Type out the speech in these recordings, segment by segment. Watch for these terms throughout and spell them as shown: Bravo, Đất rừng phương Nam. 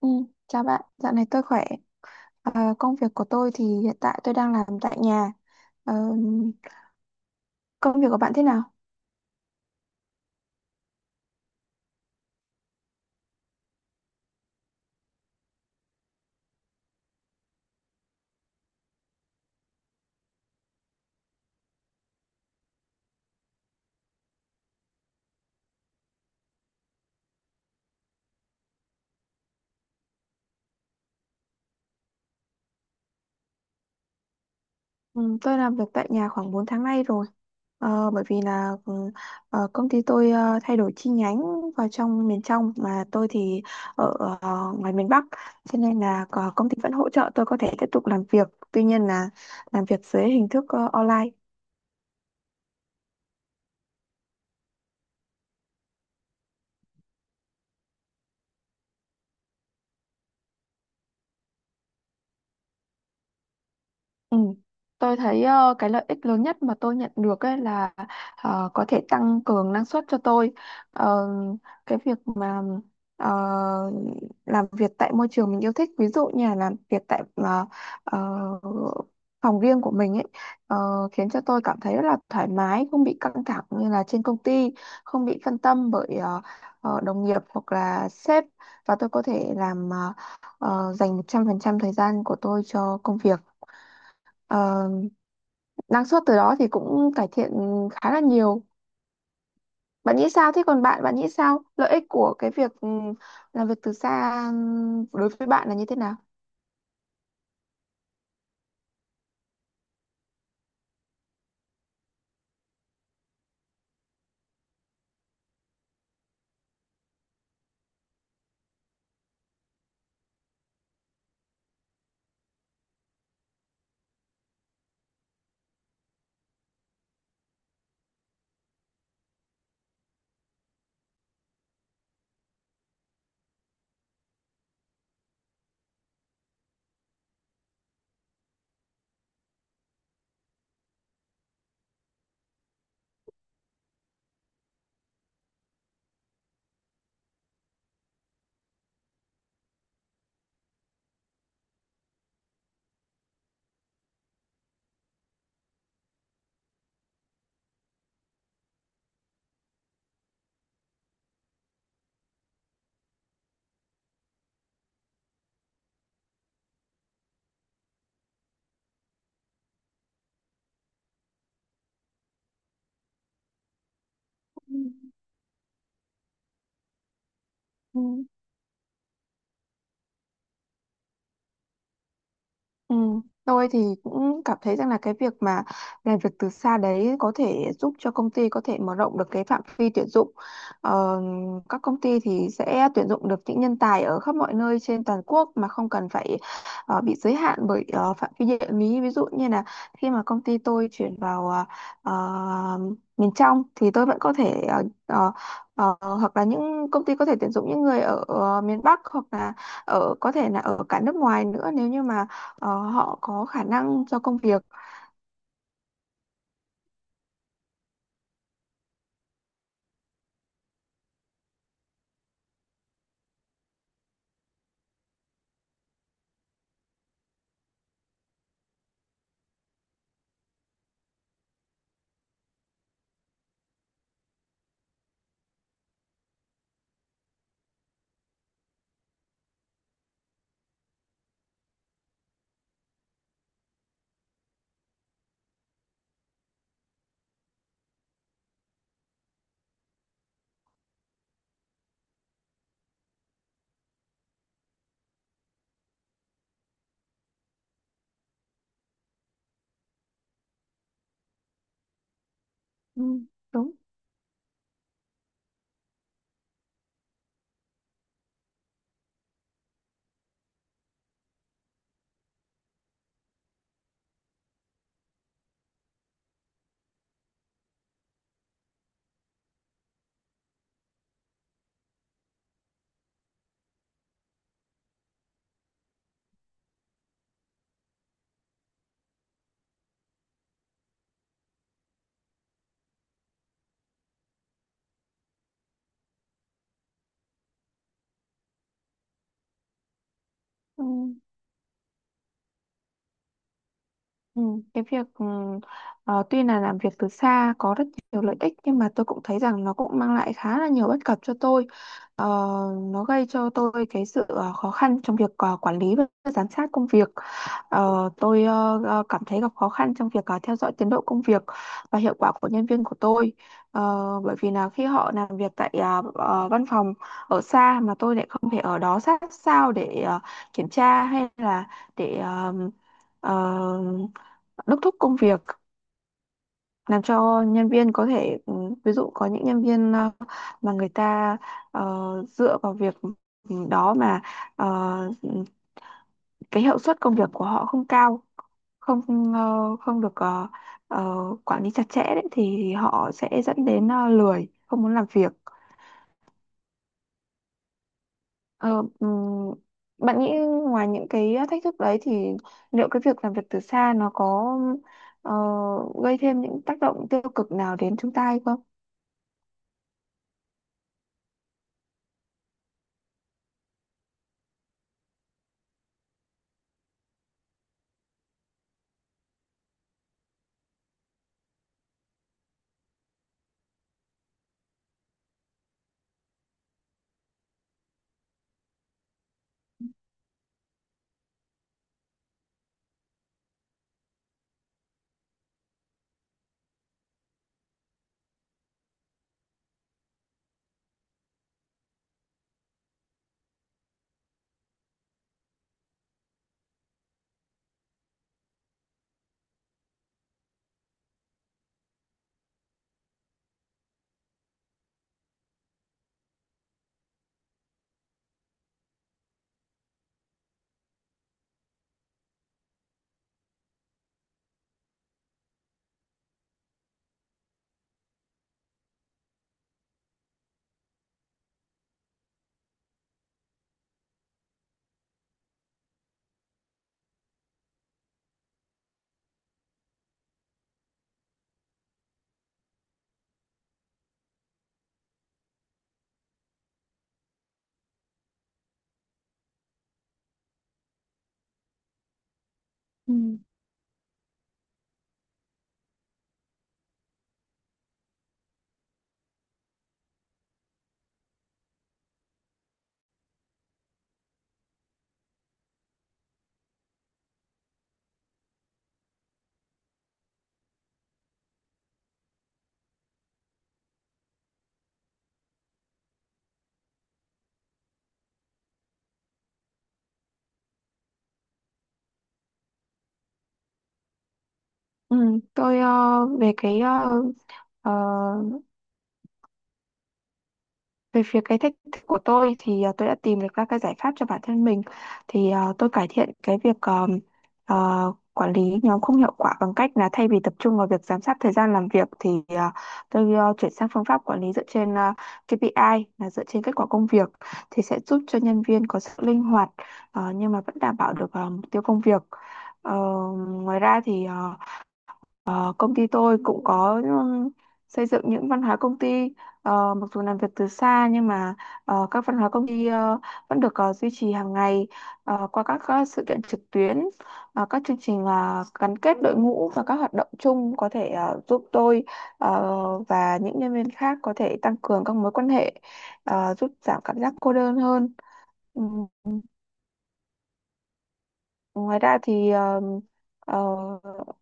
Ừ, chào bạn, dạo này tôi khỏe. Công việc của tôi thì hiện tại tôi đang làm tại nhà. Ờ, Công việc của bạn thế nào? Ừ, tôi làm việc tại nhà khoảng 4 tháng nay rồi. Ờ, bởi vì là công ty tôi thay đổi chi nhánh vào trong miền trong mà tôi thì ở ngoài miền Bắc. Cho nên là ờ, công ty vẫn hỗ trợ tôi có thể tiếp tục làm việc. Tuy nhiên là làm việc dưới hình thức online. Ừ. Tôi thấy cái lợi ích lớn nhất mà tôi nhận được ấy là có thể tăng cường năng suất cho tôi. Ờ, cái việc mà ờ, làm việc tại môi trường mình yêu thích, ví dụ như là làm việc tại ờ, phòng riêng của mình ấy khiến cho tôi cảm thấy rất là thoải mái, không bị căng thẳng như là trên công ty, không bị phân tâm bởi đồng nghiệp hoặc là sếp và tôi có thể làm dành 100% thời gian của tôi cho công việc. Ờ, năng suất từ đó thì cũng cải thiện khá là nhiều. Bạn nghĩ sao thế còn bạn bạn nghĩ sao lợi ích của cái việc làm việc từ xa đối với bạn là như thế nào? Ừ. Ừ. Ừ. Tôi thì cũng cảm thấy rằng là cái việc mà làm việc từ xa đấy có thể giúp cho công ty có thể mở rộng được cái phạm vi tuyển dụng. Ờ, các công ty thì sẽ tuyển dụng được những nhân tài ở khắp mọi nơi trên toàn quốc mà không cần phải bị giới hạn bởi phạm vi địa lý. Ví dụ như là khi mà công ty tôi chuyển vào ờ, miền trong thì tôi vẫn có thể hoặc là những công ty có thể tuyển dụng những người ở miền Bắc hoặc là ở có thể là ở cả nước ngoài nữa nếu như mà họ có khả năng cho công việc. ừ, Đúng. Ừ. Ừ, cái việc tuy là làm việc từ xa có rất nhiều lợi ích nhưng mà tôi cũng thấy rằng nó cũng mang lại khá là nhiều bất cập cho tôi. Ờ, nó gây cho tôi cái sự khó khăn trong việc quản lý và giám sát công việc. Ờ, cảm thấy gặp khó khăn trong việc theo dõi tiến độ công việc và hiệu quả của nhân viên của tôi. Ờ, bởi vì là khi họ làm việc tại văn phòng ở xa mà tôi lại không thể ở đó sát sao để kiểm tra hay là để ờ, đốc thúc công việc làm cho nhân viên có thể ví dụ có những nhân viên mà người ta ờ, dựa vào việc đó mà ờ, cái hiệu suất công việc của họ không cao không không được ờ, quản lý chặt chẽ đấy, thì họ sẽ dẫn đến lười không muốn làm việc. Ờ, ừm, Bạn nghĩ ngoài những cái thách thức đấy thì liệu cái việc làm việc từ xa nó có ờ, gây thêm những tác động tiêu cực nào đến chúng ta hay không? Ừ. Ừ, tôi về cái ờ, về phía cái thách thức của tôi thì tôi đã tìm được ra cái giải pháp cho bản thân mình thì tôi cải thiện cái việc ờ, quản lý nhóm không hiệu quả bằng cách là thay vì tập trung vào việc giám sát thời gian làm việc thì tôi chuyển sang phương pháp quản lý dựa trên KPI là dựa trên kết quả công việc thì sẽ giúp cho nhân viên có sự linh hoạt nhưng mà vẫn đảm bảo được mục tiêu công việc. Ờ, ngoài ra thì công ty tôi cũng có xây dựng những văn hóa công ty. Mặc dù làm việc từ xa nhưng mà các văn hóa công ty vẫn được duy trì hàng ngày qua các, sự kiện trực tuyến, các chương trình gắn kết đội ngũ và các hoạt động chung có thể giúp tôi ờ, và những nhân viên khác có thể tăng cường các mối quan hệ, giúp giảm cảm giác cô đơn hơn. Ừ, ngoài ra thì uh,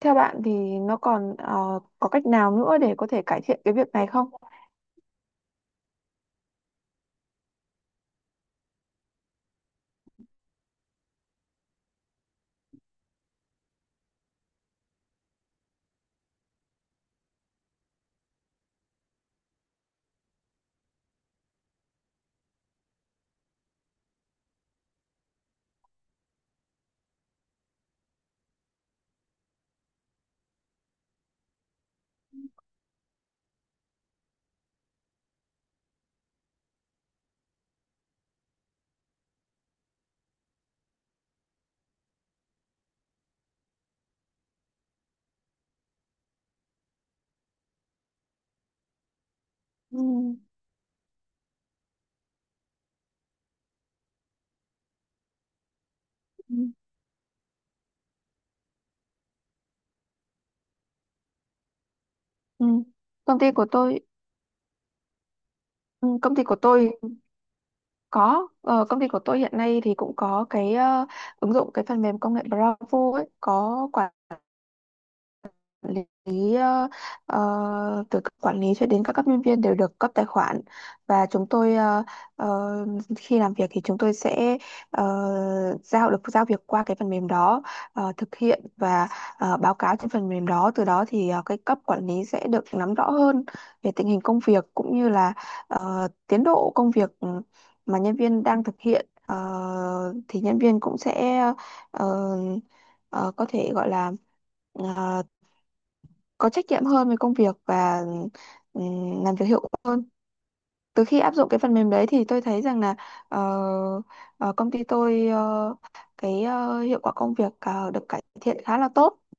theo bạn thì nó còn có cách nào nữa để có thể cải thiện cái việc này không? Ừ, ừ, ừ. Công ty của tôi ừ, công ty của tôi công ty của tôi hiện nay thì cũng có cái ứng dụng cái phần mềm công nghệ Bravo ấy, có quản lý ờ, từ cấp quản lý cho đến các cấp nhân viên đều được cấp tài khoản và chúng tôi ờ, khi làm việc thì chúng tôi sẽ ờ, giao việc qua cái phần mềm đó, thực hiện và báo cáo trên phần mềm đó. Từ đó thì cái cấp quản lý sẽ được nắm rõ hơn về tình hình công việc cũng như là tiến độ công việc mà nhân viên đang thực hiện. Ờ, thì nhân viên cũng sẽ ờ, ờ, có thể gọi là ờ, có trách nhiệm hơn với công việc và làm việc hiệu quả. Từ khi áp dụng cái phần mềm đấy thì tôi thấy rằng là ờ, công ty tôi hiệu quả công việc được cải thiện khá là tốt.